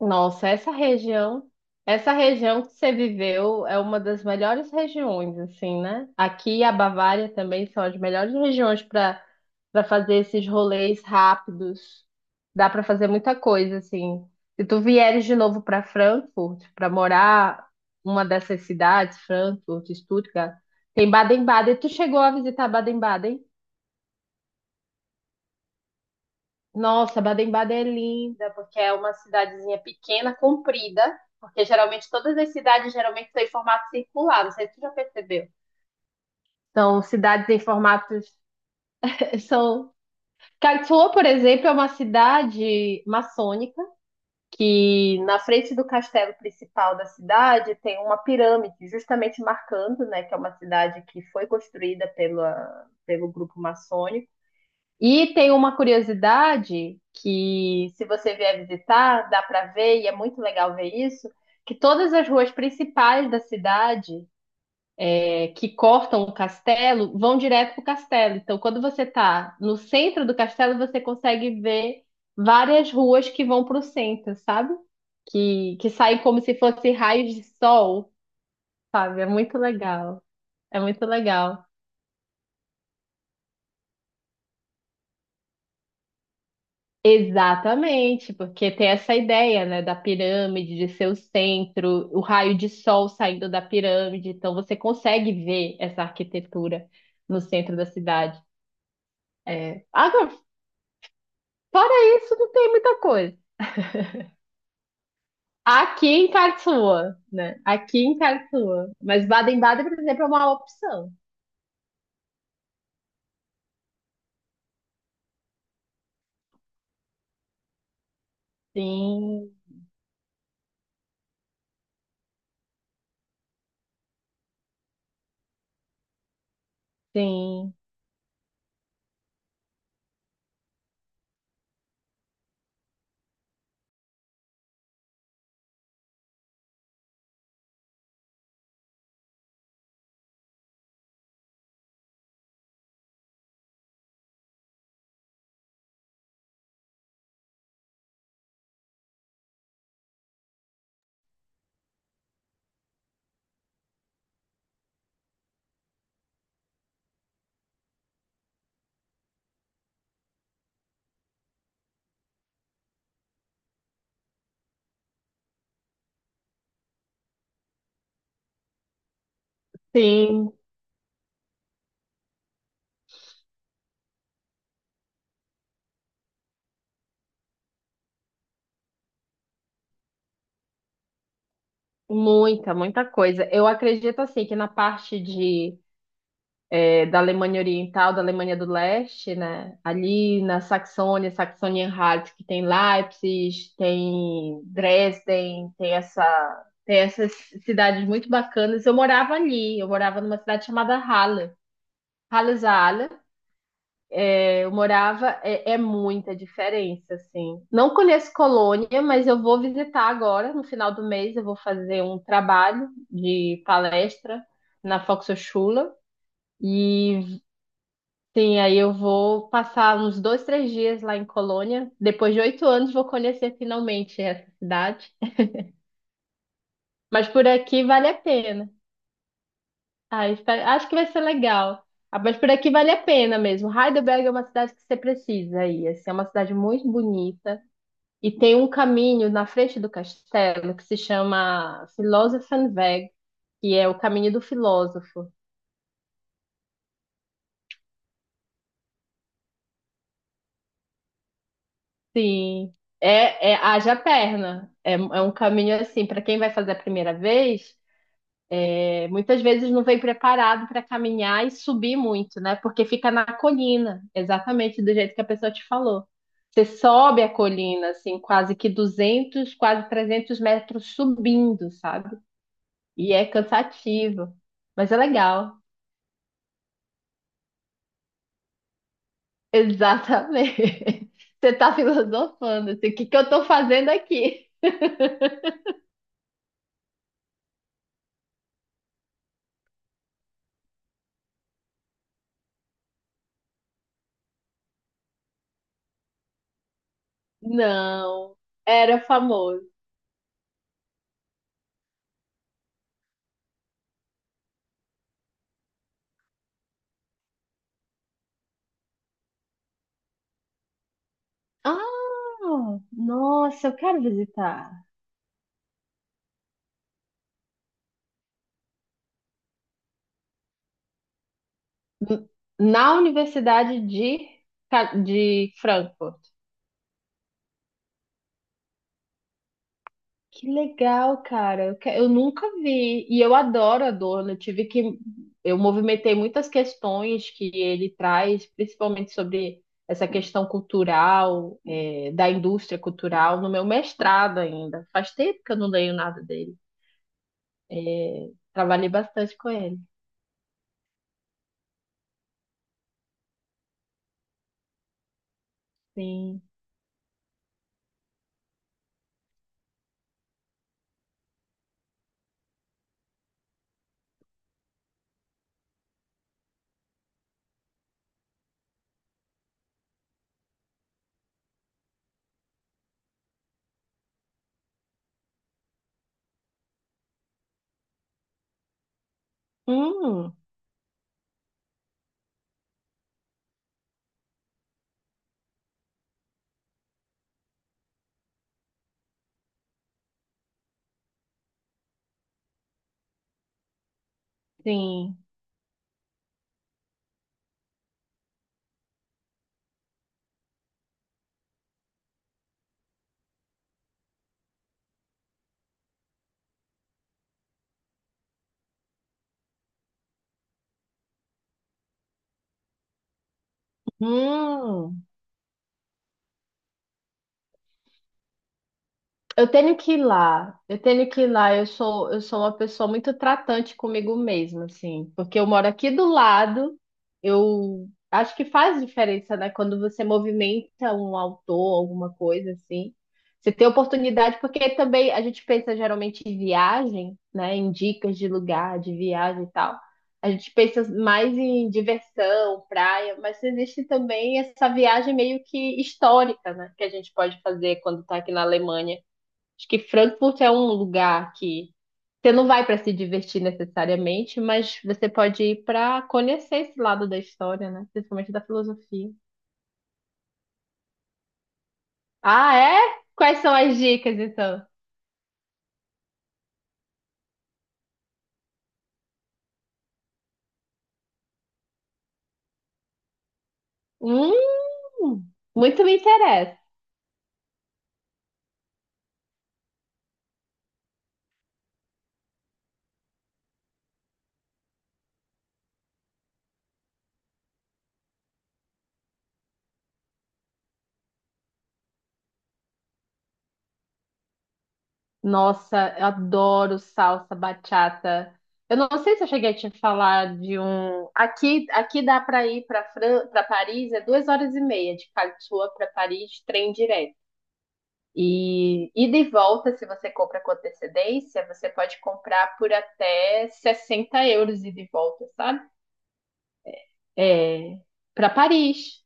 Nossa, essa região que você viveu é uma das melhores regiões, assim, né? Aqui a Bavária também são as melhores regiões para fazer esses rolês rápidos. Dá para fazer muita coisa, assim. Se tu vieres de novo para Frankfurt, para morar uma dessas cidades, Frankfurt, Stuttgart, tem Baden-Baden. Tu chegou a visitar Baden-Baden? Nossa, Baden-Baden é linda, porque é uma cidadezinha pequena, comprida, porque geralmente todas as cidades geralmente estão em formato circular, não sei se você já percebeu. São cidades em formatos são Karlsruhe, por exemplo, é uma cidade maçônica que na frente do castelo principal da cidade tem uma pirâmide, justamente marcando, né, que é uma cidade que foi construída pela, pelo grupo maçônico. E tem uma curiosidade que, se você vier visitar, dá para ver, e é muito legal ver isso, que todas as ruas principais da cidade que cortam o castelo vão direto para o castelo. Então, quando você está no centro do castelo, você consegue ver várias ruas que vão para o centro, sabe? Que saem como se fossem raios de sol, sabe? É muito legal. É muito legal. Exatamente, porque tem essa ideia, né, da pirâmide, de ser o centro, o raio de sol saindo da pirâmide, então você consegue ver essa arquitetura no centro da cidade. É. Agora, fora isso, não tem muita coisa. Aqui em Karlsruhe, né? Aqui em Karlsruhe. Mas Baden-Baden, por exemplo, é uma opção. Sim, sim, sim. Muita, muita coisa. Eu acredito, assim, que na parte da Alemanha Oriental, da Alemanha do Leste, né? Ali na Saxônia, Saxônia-Anhalt, que tem Leipzig, tem Dresden, tem essa, tem essas cidades muito bacanas. Eu morava ali, eu morava numa cidade chamada Halle. Halle-Saale, eu morava, é muita diferença, assim. Não conheço Colônia, mas eu vou visitar agora, no final do mês, eu vou fazer um trabalho de palestra na Volkshochschule e sim, aí eu vou passar uns dois, três dias lá em Colônia. Depois de 8 anos, vou conhecer finalmente essa cidade. Mas por aqui vale a pena. Ah, espero- acho que vai ser legal. Ah, mas por aqui vale a pena mesmo. Heidelberg é uma cidade que você precisa ir. Assim, é uma cidade muito bonita. E tem um caminho na frente do castelo que se chama Philosophenweg, que é o caminho do filósofo. Sim, é haja perna. É um caminho assim, para quem vai fazer a primeira vez. Muitas vezes não vem preparado para caminhar e subir muito, né? Porque fica na colina, exatamente do jeito que a pessoa te falou. Você sobe a colina, assim, quase que 200, quase 300 metros subindo, sabe? E é cansativo, mas é legal. Exatamente. Você tá filosofando, assim, o que que eu tô fazendo aqui? Não, era famoso. Ah, nossa, eu quero visitar. N- Na Universidade de, de Frankfurt. Que legal, cara. Eu nunca vi. E eu adoro a Adorno. Eu tive que. Eu movimentei muitas questões que ele traz, principalmente sobre essa questão cultural, da indústria cultural, no meu mestrado ainda. Faz tempo que eu não leio nada dele. Trabalhei bastante com ele. Sim. Hum, sim. Hum. Eu tenho que ir lá, eu tenho que ir lá. Eu sou uma pessoa muito tratante comigo mesma, assim, porque eu moro aqui do lado. Eu acho que faz diferença, né? Quando você movimenta um autor, alguma coisa assim, você tem oportunidade, porque também a gente pensa geralmente em viagem, né? Em dicas de lugar, de viagem e tal. A gente pensa mais em diversão, praia, mas existe também essa viagem meio que histórica, né? Que a gente pode fazer quando está aqui na Alemanha. Acho que Frankfurt é um lugar que você não vai para se divertir necessariamente, mas você pode ir para conhecer esse lado da história, né? Principalmente da filosofia. Ah, é? Quais são as dicas, então? Hum, muito me interessa. Nossa, eu adoro salsa bachata. Eu não sei se eu cheguei a te falar de um. Aqui, aqui dá para ir para Fran... para Paris, é 2 horas e meia de Karlsruhe para Paris, trem direto. E ida e volta, se você compra com antecedência, você pode comprar por até 60 euros ida e volta, sabe? É, para Paris.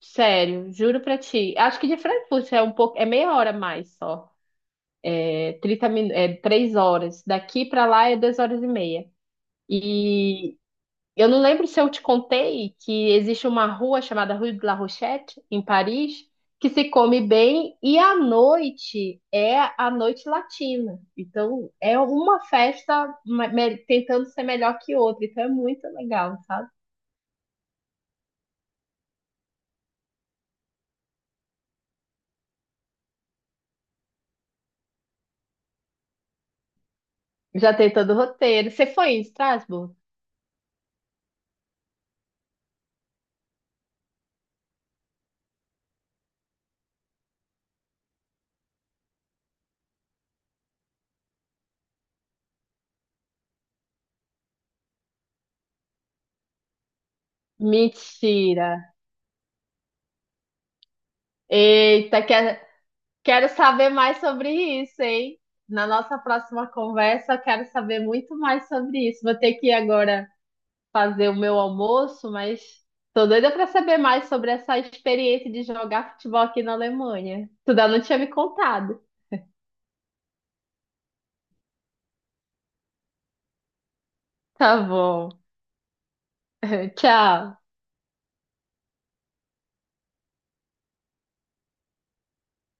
Sério, juro pra ti. Acho que de Frankfurt é um pouco, é meia hora mais só. É 30 min, é 3 horas. Daqui pra lá é 2 horas e meia. E eu não lembro se eu te contei que existe uma rua chamada Rue de la Rochette, em Paris, que se come bem e à noite é a noite latina. Então é uma festa tentando ser melhor que outra. Então é muito legal, sabe? Já tem todo o roteiro. Você foi em Estrasburgo? Mentira. Eita, quero, quero saber mais sobre isso, hein? Na nossa próxima conversa, eu quero saber muito mais sobre isso. Vou ter que ir agora fazer o meu almoço, mas tô doida para saber mais sobre essa experiência de jogar futebol aqui na Alemanha. Tu ainda não tinha me contado. Tá bom. Tchau.